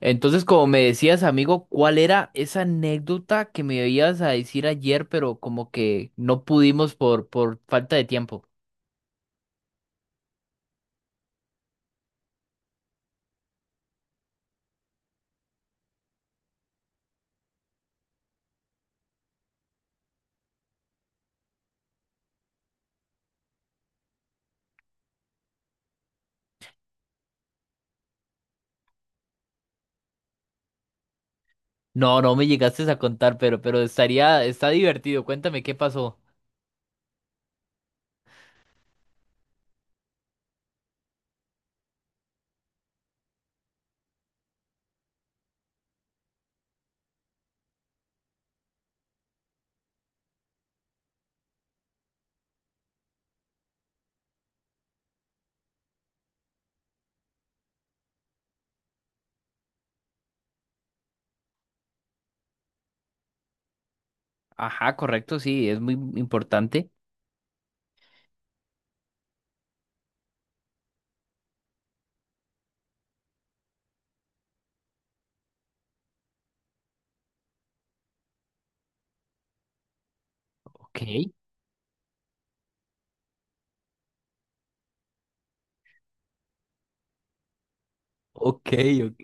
Entonces, como me decías, amigo, ¿cuál era esa anécdota que me ibas a decir ayer, pero como que no pudimos por falta de tiempo? No, no me llegaste a contar, pero estaría, está divertido. Cuéntame qué pasó. Ajá, correcto, sí, es muy importante. Ok, ok, ok.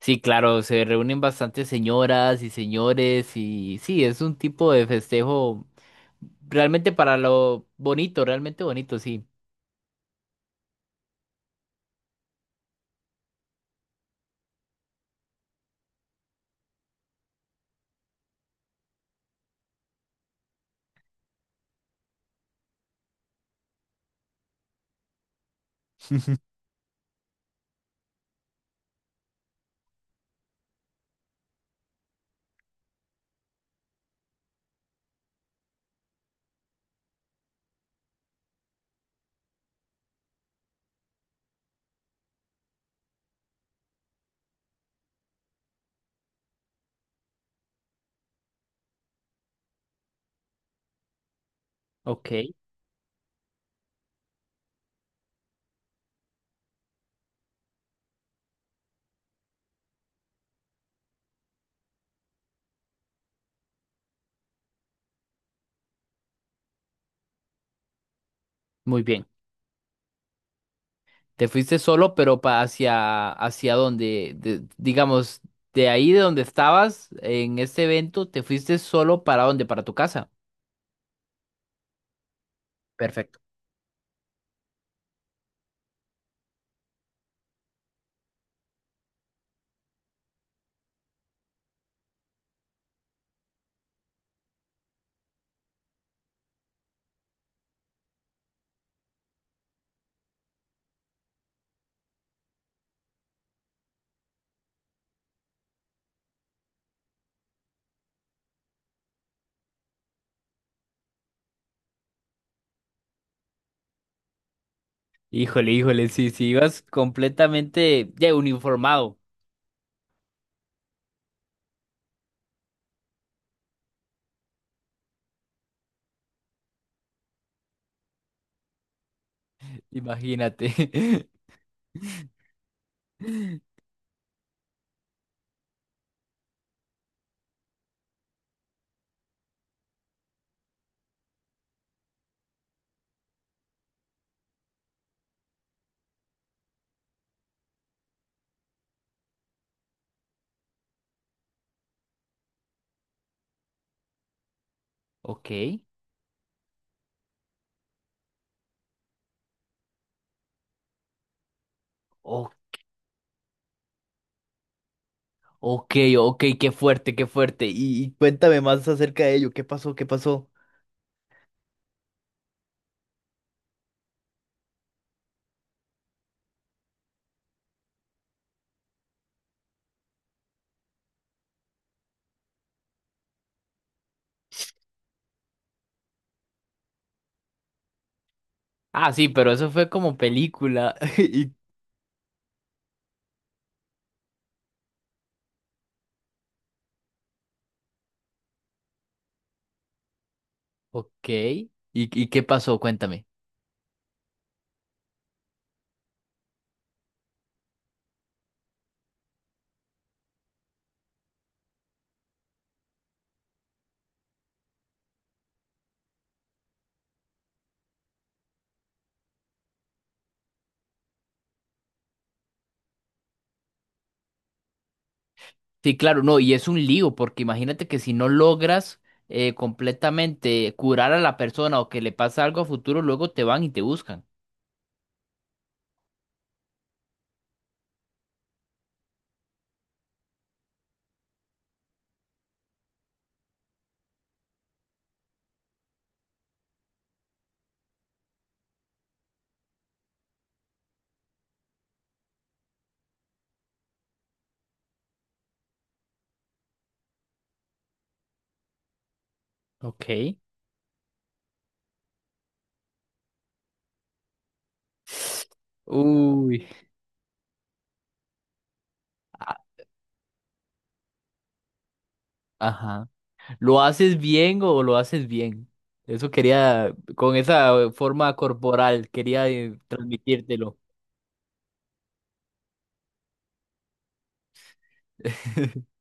Sí, claro, se reúnen bastantes señoras y señores y sí, es un tipo de festejo realmente para lo bonito, realmente bonito, sí. Ok, muy bien. Te fuiste solo, pero hacia, hacia donde, digamos, de ahí de donde estabas en este evento, te fuiste solo para dónde, para tu casa. Perfecto. Híjole, híjole, sí, sí, ibas completamente ya uniformado. Imagínate. Ok, o- ok, ok, qué fuerte, qué fuerte. Y cuéntame más acerca de ello, ¿qué pasó, qué pasó? Ah, sí, pero eso fue como película. Ok, y qué pasó? Cuéntame. Sí, claro, no, y es un lío, porque imagínate que si no logras completamente curar a la persona o que le pasa algo a futuro, luego te van y te buscan. Ok. Uy. a- Ajá. ¿Lo haces bien o lo haces bien? Eso quería, con esa forma corporal, quería transmitírtelo.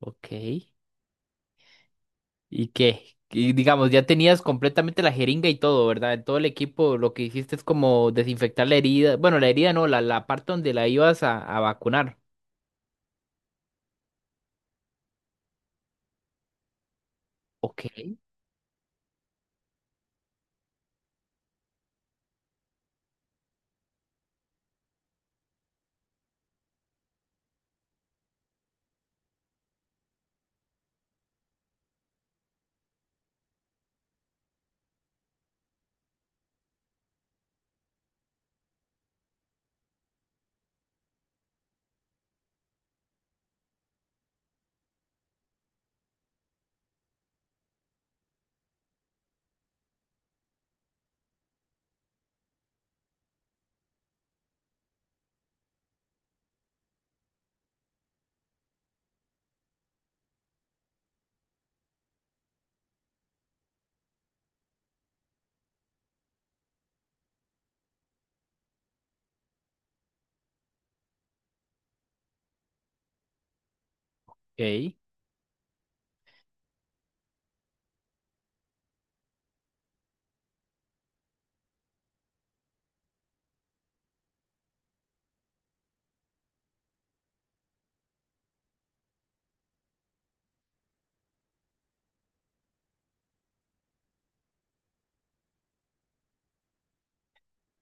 Ok. ¿Y qué? Y digamos, ya tenías completamente la jeringa y todo, ¿verdad? En todo el equipo lo que hiciste es como desinfectar la herida. Bueno, la herida no, la parte donde la ibas a vacunar. Ok, ok.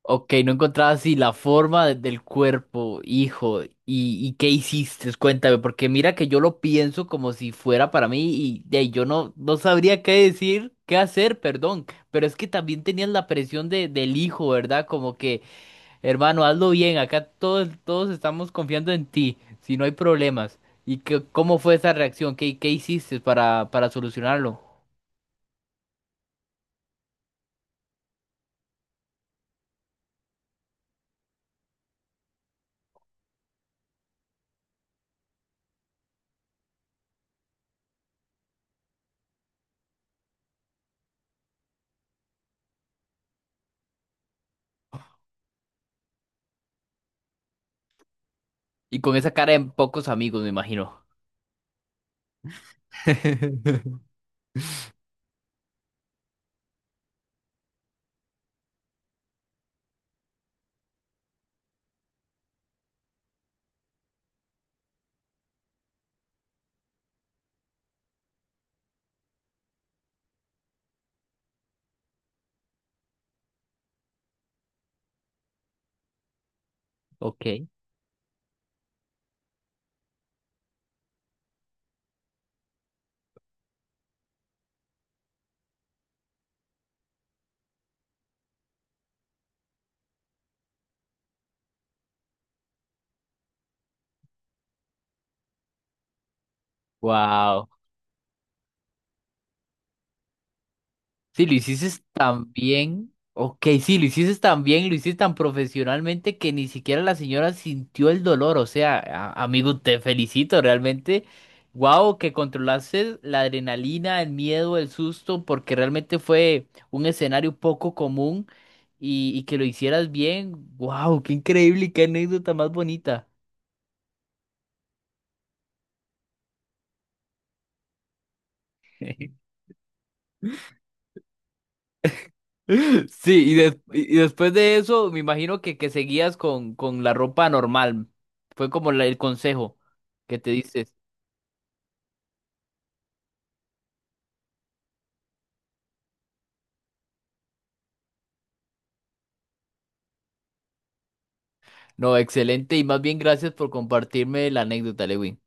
Ok, no encontraba así la forma del cuerpo, hijo. Y qué hiciste? Cuéntame, porque mira que yo lo pienso como si fuera para mí y, de ahí yo no, no sabría qué decir, qué hacer, perdón. Pero es que también tenías la presión del hijo, ¿verdad? Como que... Hermano, hazlo bien. Acá todos, todos estamos confiando en ti. Si no hay problemas. ¿Y qué, cómo fue esa reacción? ¿Qué, qué hiciste para solucionarlo? Y con esa cara en pocos amigos, me imagino. Ok. Wow. Sí, lo hiciste tan bien. Ok, sí, lo hiciste tan bien, lo hiciste tan profesionalmente que ni siquiera la señora sintió el dolor. O sea, amigo, te felicito realmente. Wow, que controlaste la adrenalina, el miedo, el susto, porque realmente fue un escenario poco común y que lo hicieras bien. Wow, qué increíble y qué anécdota más bonita. Sí, y, y después de eso, me imagino que seguías con la ropa normal. Fue como el consejo que te dices. No, excelente y más bien gracias por compartirme la anécdota, Lewin.